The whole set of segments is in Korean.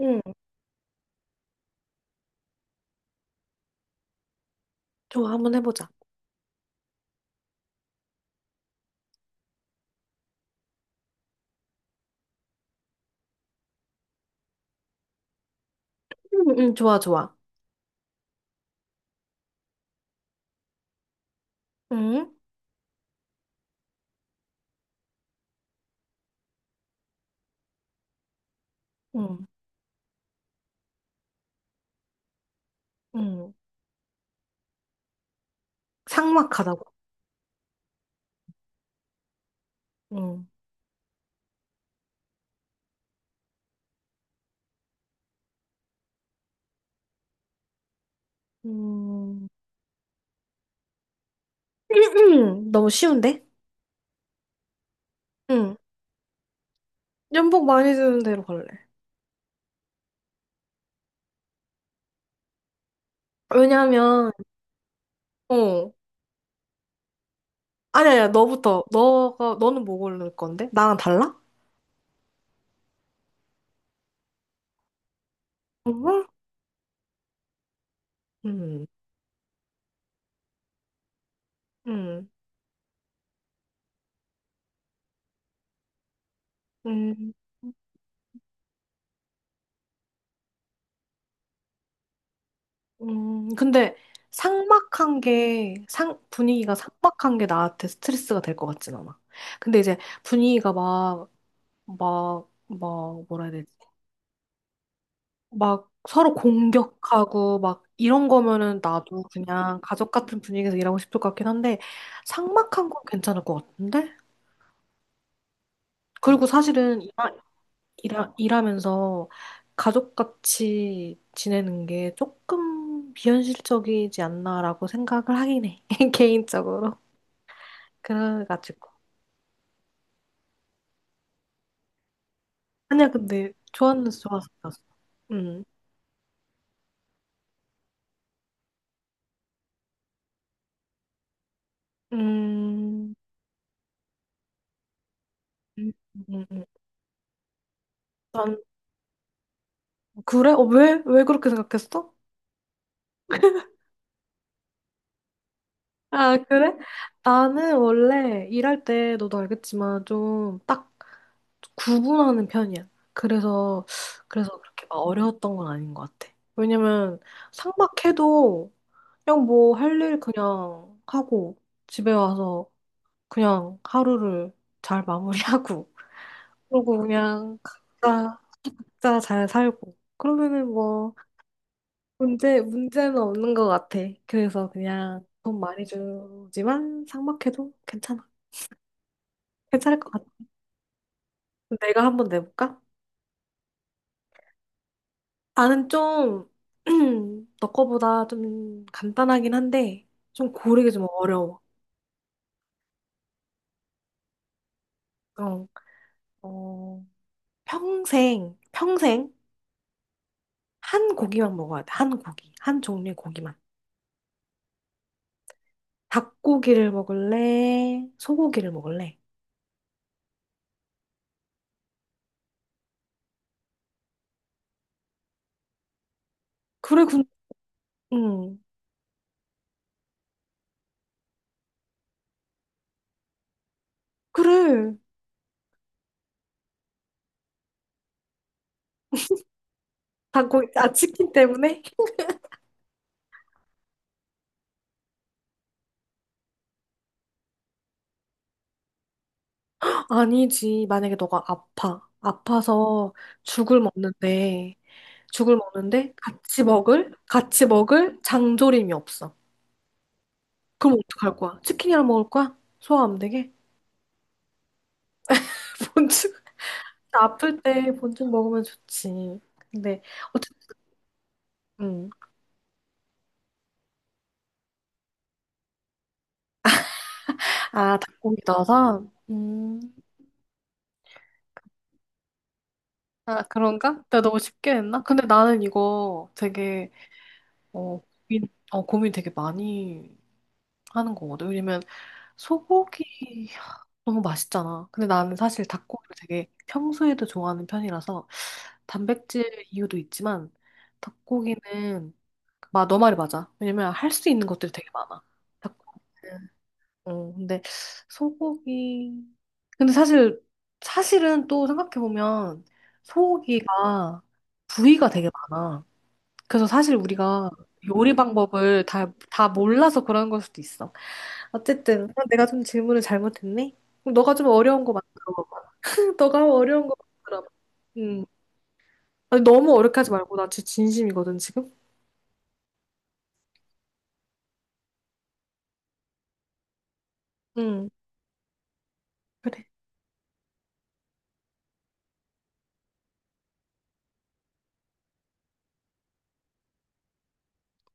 응, 좋아, 한번 해보자. 응, 응, 좋아, 좋아. 응, 응, 응. 삭막하다고. 응. 음, 너무 쉬운데? 응. 연봉 많이 드는 대로 갈래. 왜냐면, 어. 아니야, 아니야, 너부터. 너가, 너는 뭐 고를 건데? 나랑 달라? 응, 응, 응, 응. 근데 삭막한 게, 분위기가 삭막한 게 나한테 스트레스가 될 것 같진 않아. 근데 이제 분위기가 막, 뭐라 해야 되지? 막 서로 공격하고 막 이런 거면은 나도 그냥 가족 같은 분위기에서 일하고 싶을 것 같긴 한데 삭막한 건 괜찮을 것 같은데? 그리고 사실은 일하면서 가족같이 지내는 게 조금 비현실적이지 않나라고 생각을 하긴 해. 개인적으로. 그래가지고. 아니야, 근데 좋았는지 좋았어. 음. 음. 음. 음. 음. 난 그래? 어, 왜? 왜 그렇게 생각했어? 아, 그래? 나는 원래 일할 때 너도 알겠지만 좀 딱 구분하는 편이야. 그래서 그렇게 막 어려웠던 건 아닌 것 같아. 왜냐면 상박해도 그냥 뭐 할 일 그냥 하고 집에 와서 그냥 하루를 잘 마무리하고 그러고 그냥 각자 잘 살고 그러면은 뭐 문제는 없는 것 같아. 그래서 그냥 돈 많이 주지만 상박해도 괜찮아. 괜찮을 것 같아. 내가 한번 내볼까? 나는 좀, 너 거보다 좀 간단하긴 한데, 좀 고르기 좀 어려워. 어, 어, 평생 한 고기만 먹어야 돼. 한 고기. 한 종류의 고기만. 닭고기를 먹을래? 소고기를 먹을래? 그래, 군, 응. 그래. 닭고기, 아, 치킨 때문에? 아니지. 만약에 너가 아파. 아파서 죽을 먹는데, 죽을 먹는데 같이 먹을 장조림이 없어. 그럼 어떡할 거야? 치킨이랑 먹을 거야? 소화 안 되게? 본죽 아플 때 본죽 먹으면 좋지. 근데 어쨌든 음. 아 닭고기 넣어서 아 그런가? 내가 너무 쉽게 했나? 근데 나는 이거 되게 어 고민 고민 되게 많이 하는 거거든. 왜냐면 소고기 하, 너무 맛있잖아. 근데 나는 사실 닭고기를 되게 평소에도 좋아하는 편이라서 단백질 이유도 있지만 닭고기는 마, 너 말이 맞아. 왜냐면 할 수 있는 것들이 되게 많아. 닭고기는. 어, 근데 소고기. 근데 사실 사실은 또 생각해 보면 소고기가 부위가 되게 많아. 그래서 사실 우리가 요리 방법을 다 몰라서 그런 걸 수도 있어. 어쨌든 어, 내가 좀 질문을 잘못했네. 그럼 너가 좀 어려운 거 만들어봐. 너가 어려운 거 만들어봐. 음. 아니, 너무 어렵게 하지 말고 나 진짜 진심이거든 지금. 음. 그래.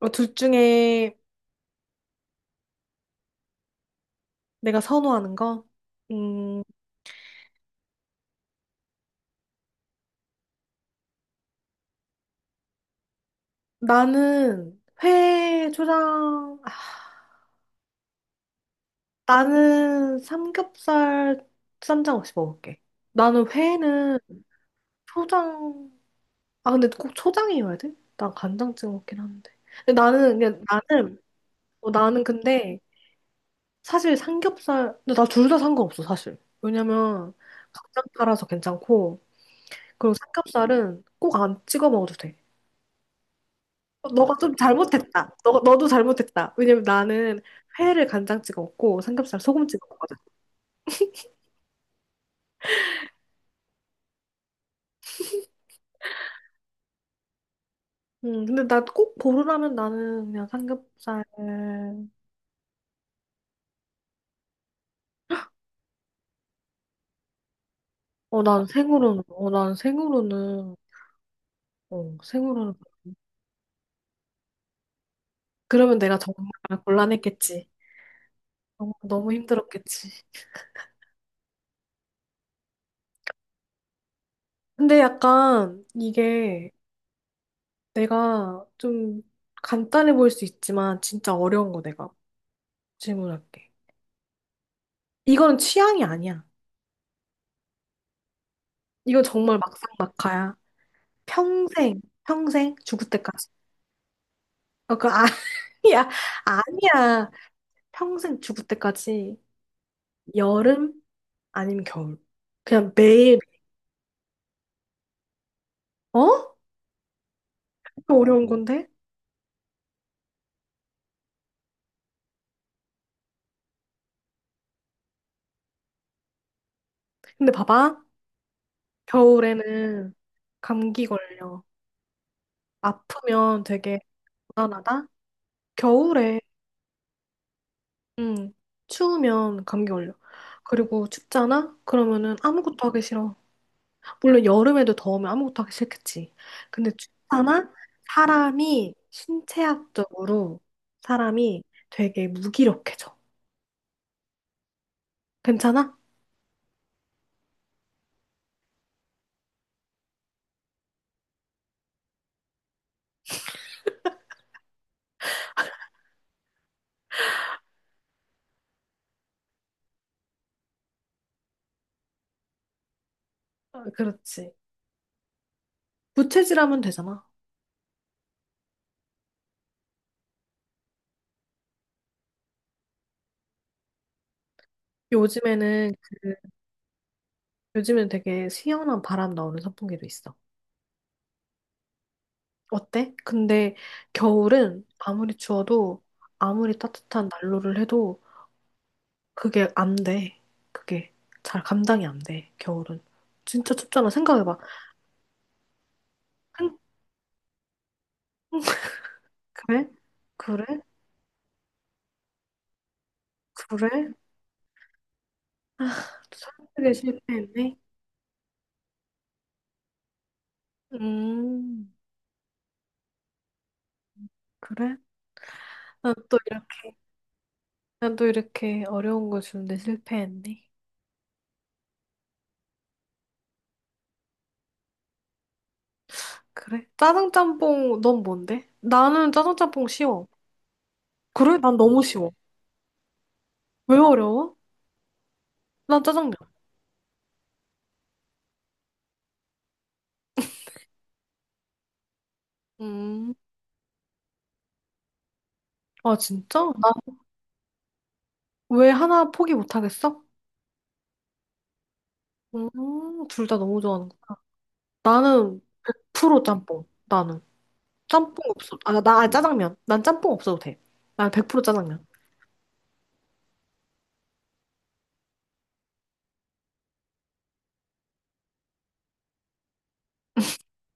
어, 둘 중에 내가 선호하는 거. 음. 나는 회 초장. 아, 나는 삼겹살 쌈장 없이 먹을게. 나는 회는 초장. 아 근데 꼭 초장이어야 돼? 난 간장 찍어 먹긴 하는데. 근데 나는 그냥 나는 어, 나는 근데 사실 삼겹살, 근데 나 둘 다 상관없어, 사실. 왜냐면 각장 팔아서 괜찮고, 그리고 삼겹살은 꼭 안 찍어 먹어도 돼. 어, 너가 좀 잘못했다. 너도 잘못했다. 왜냐면 나는 회를 간장 찍어 먹고 삼겹살 소금 찍어 먹거든. 근데 나 꼭 고르라면 나는 그냥 삼겹살. 어, 난 생으로는, 어, 생으로는. 그러면 내가 정말 곤란했겠지. 어, 너무 너무 힘들었겠지. 근데 약간 이게 내가 좀 간단해 보일 수 있지만 진짜 어려운 거 내가 질문할게. 이거는 취향이 아니야. 이거 정말 막상막하야. 평생 죽을 때까지. 어, 아니야, 아니야. 평생 죽을 때까지 여름 아니면 겨울. 그냥 매일. 어? 이거 어려운 건데? 근데 봐봐. 겨울에는 감기 걸려. 아프면 되게 불안하다. 겨울에 응, 추우면 감기 걸려. 그리고 춥잖아? 그러면은 아무것도 하기 싫어. 물론 여름에도 더우면 아무것도 하기 싫겠지. 근데 춥잖아? 사람이 신체학적으로 사람이 되게 무기력해져. 괜찮아? 어, 그렇지. 부채질하면 되잖아. 요즘에는 그, 요즘엔 되게 시원한 바람 나오는 선풍기도 있어. 어때? 근데 겨울은 아무리 추워도 아무리 따뜻한 난로를 해도 그게 안 돼. 그게 잘 감당이 안 돼, 겨울은. 진짜 춥잖아. 생각해봐. 한- 그래? 그래? 그래? 아, 또 설득에 실패했네. 음, 그래? 난 또 이렇게, 난 또 이렇게 어려운 거 주는데 실패했네. 그래? 짜장짬뽕, 넌 뭔데? 나는 짜장짬뽕 쉬워. 그래? 난 너무 쉬워. 왜 어려워? 난 짜장면. 음, 아, 진짜? 나 왜 하나 포기 못하겠어? 음, 둘 다 너무 좋아하는 거. 나는 프로 짬뽕. 나는 짬뽕 없어. 아, 나 아니, 짜장면. 난 짬뽕 없어도 돼. 난 100% 짜장면.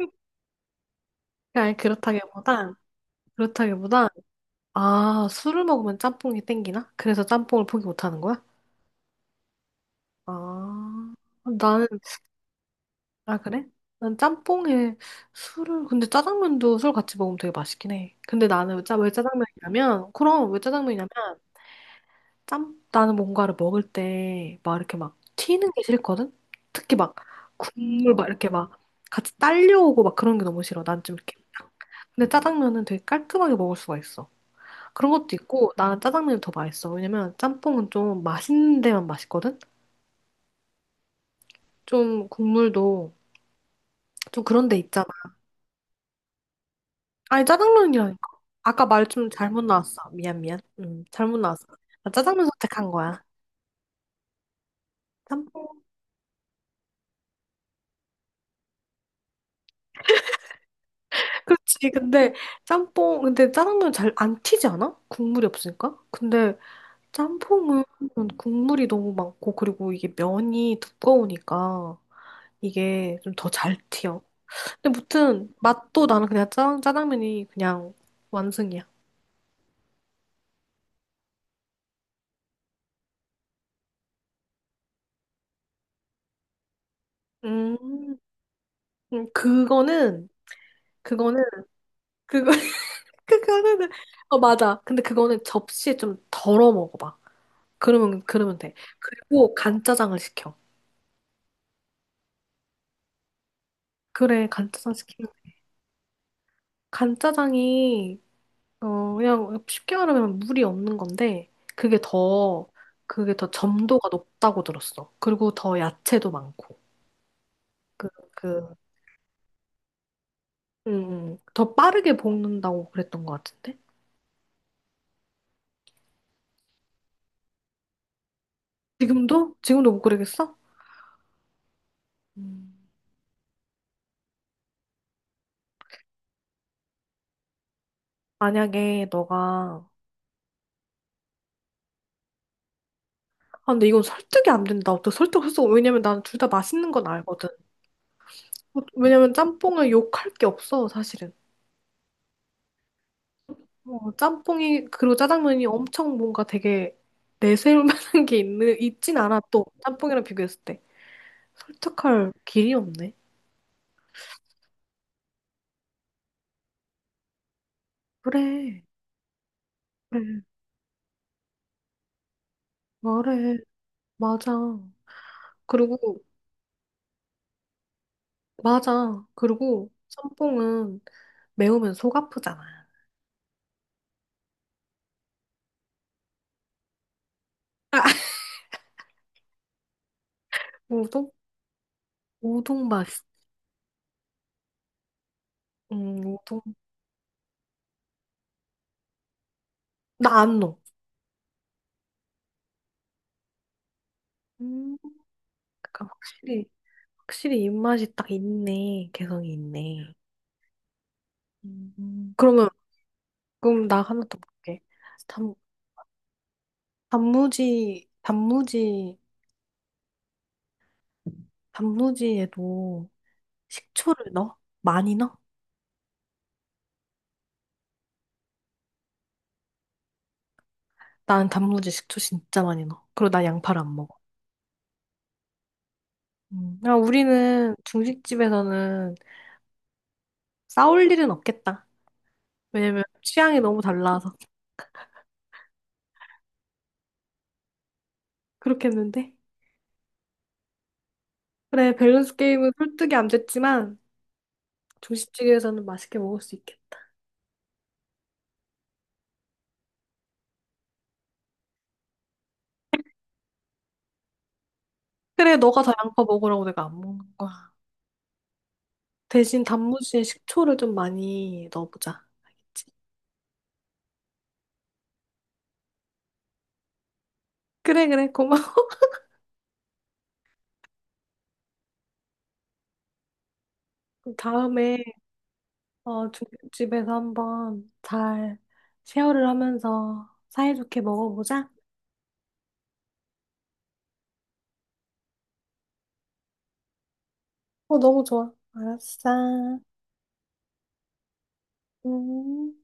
그니 그렇다기보다 아, 술을 먹으면 짬뽕이 땡기나? 그래서 짬뽕을 포기 못 하는 거야? 아, 나는 아 그래? 난 짬뽕에 술을 근데 짜장면도 술 같이 먹으면 되게 맛있긴 해. 근데 나는 짜, 왜 짜장면이냐면 그럼 왜 짜장면이냐면 짬? 나는 뭔가를 먹을 때 막 이렇게 막 튀는 게 싫거든? 특히 막 국물 막 이렇게 막 같이 딸려오고 막 그런 게 너무 싫어. 난 좀 이렇게. 딱. 근데 짜장면은 되게 깔끔하게 먹을 수가 있어. 그런 것도 있고 나는 짜장면이 더 맛있어. 왜냐면 짬뽕은 좀 맛있는 데만 맛있거든? 좀 국물도 좀 그런 데 있잖아. 아니 짜장면이라니까. 아까 말 좀 잘못 나왔어. 미안 미안. 잘못 나왔어. 나 짜장면 선택한 거야. 짬뽕 그렇지 근데 짬뽕, 근데 짜장면 잘 안 튀지 않아? 국물이 없으니까? 근데 짬뽕은 국물이 너무 많고, 그리고 이게 면이 두꺼우니까 이게 좀 더 잘 튀어. 근데 무튼 맛도 나는 그냥 짜장면이 그냥 완승이야. 음, 음, 그거는, 그거는, 그거, 그거는, 어, 맞아. 근데 그거는 접시에 좀 덜어 먹어봐. 그러면 돼. 그리고 간짜장을 시켜. 그래, 간짜장 시키면 간짜장이 어 그냥 쉽게 말하면 물이 없는 건데 그게 더 점도가 높다고 들었어. 그리고 더 야채도 많고 그그음더 빠르게 볶는다고 그랬던 것 같은데 지금도 지금도 못 그러겠어? 음, 만약에 너가 아 근데 이건 설득이 안 된다. 어떻게 설득할 수? 왜냐면 나는 둘 다 맛있는 건 알거든. 왜냐면 짬뽕을 욕할 게 없어 사실은. 어, 짬뽕이, 그리고 짜장면이 엄청 뭔가 되게 내세울 만한 게 있는, 있진 않아, 또. 짬뽕이랑 비교했을 때. 설득할 길이 없네. 그래, 그래, 말해. 맞아. 그리고, 맞아. 그리고 짬뽕은 매우면 속 아프잖아. 아, 우동? 우동 맛. 우동. 나 안 넣어. 음, 그러니까 확실히, 확실히 입맛이 딱 있네. 개성이 있네. 그러면, 그럼 나 하나 더 볼게. 단무지, 단무지, 단무지에도 식초를 넣어? 많이 넣어? 난 단무지 식초 진짜 많이 넣어. 그리고 나 양파를 안 먹어. 음. 야, 우리는 중식집에서는 싸울 일은 없겠다. 왜냐면 취향이 너무 달라서. 그렇겠는데? 그래, 밸런스 게임은 설득이 안 됐지만 중식집에서는 맛있게 먹을 수 있겠다. 그래, 너가 더 양파 먹으라고 내가 안 먹는 거야. 대신 단무지에 식초를 좀 많이 넣어보자. 알겠지? 그래, 그래, 고마워. 그럼 다음에 어, 두- 집에서 한번 잘 쉐어를 하면서 사이좋게 먹어보자. 어, 너무 좋아. 알았어. 음.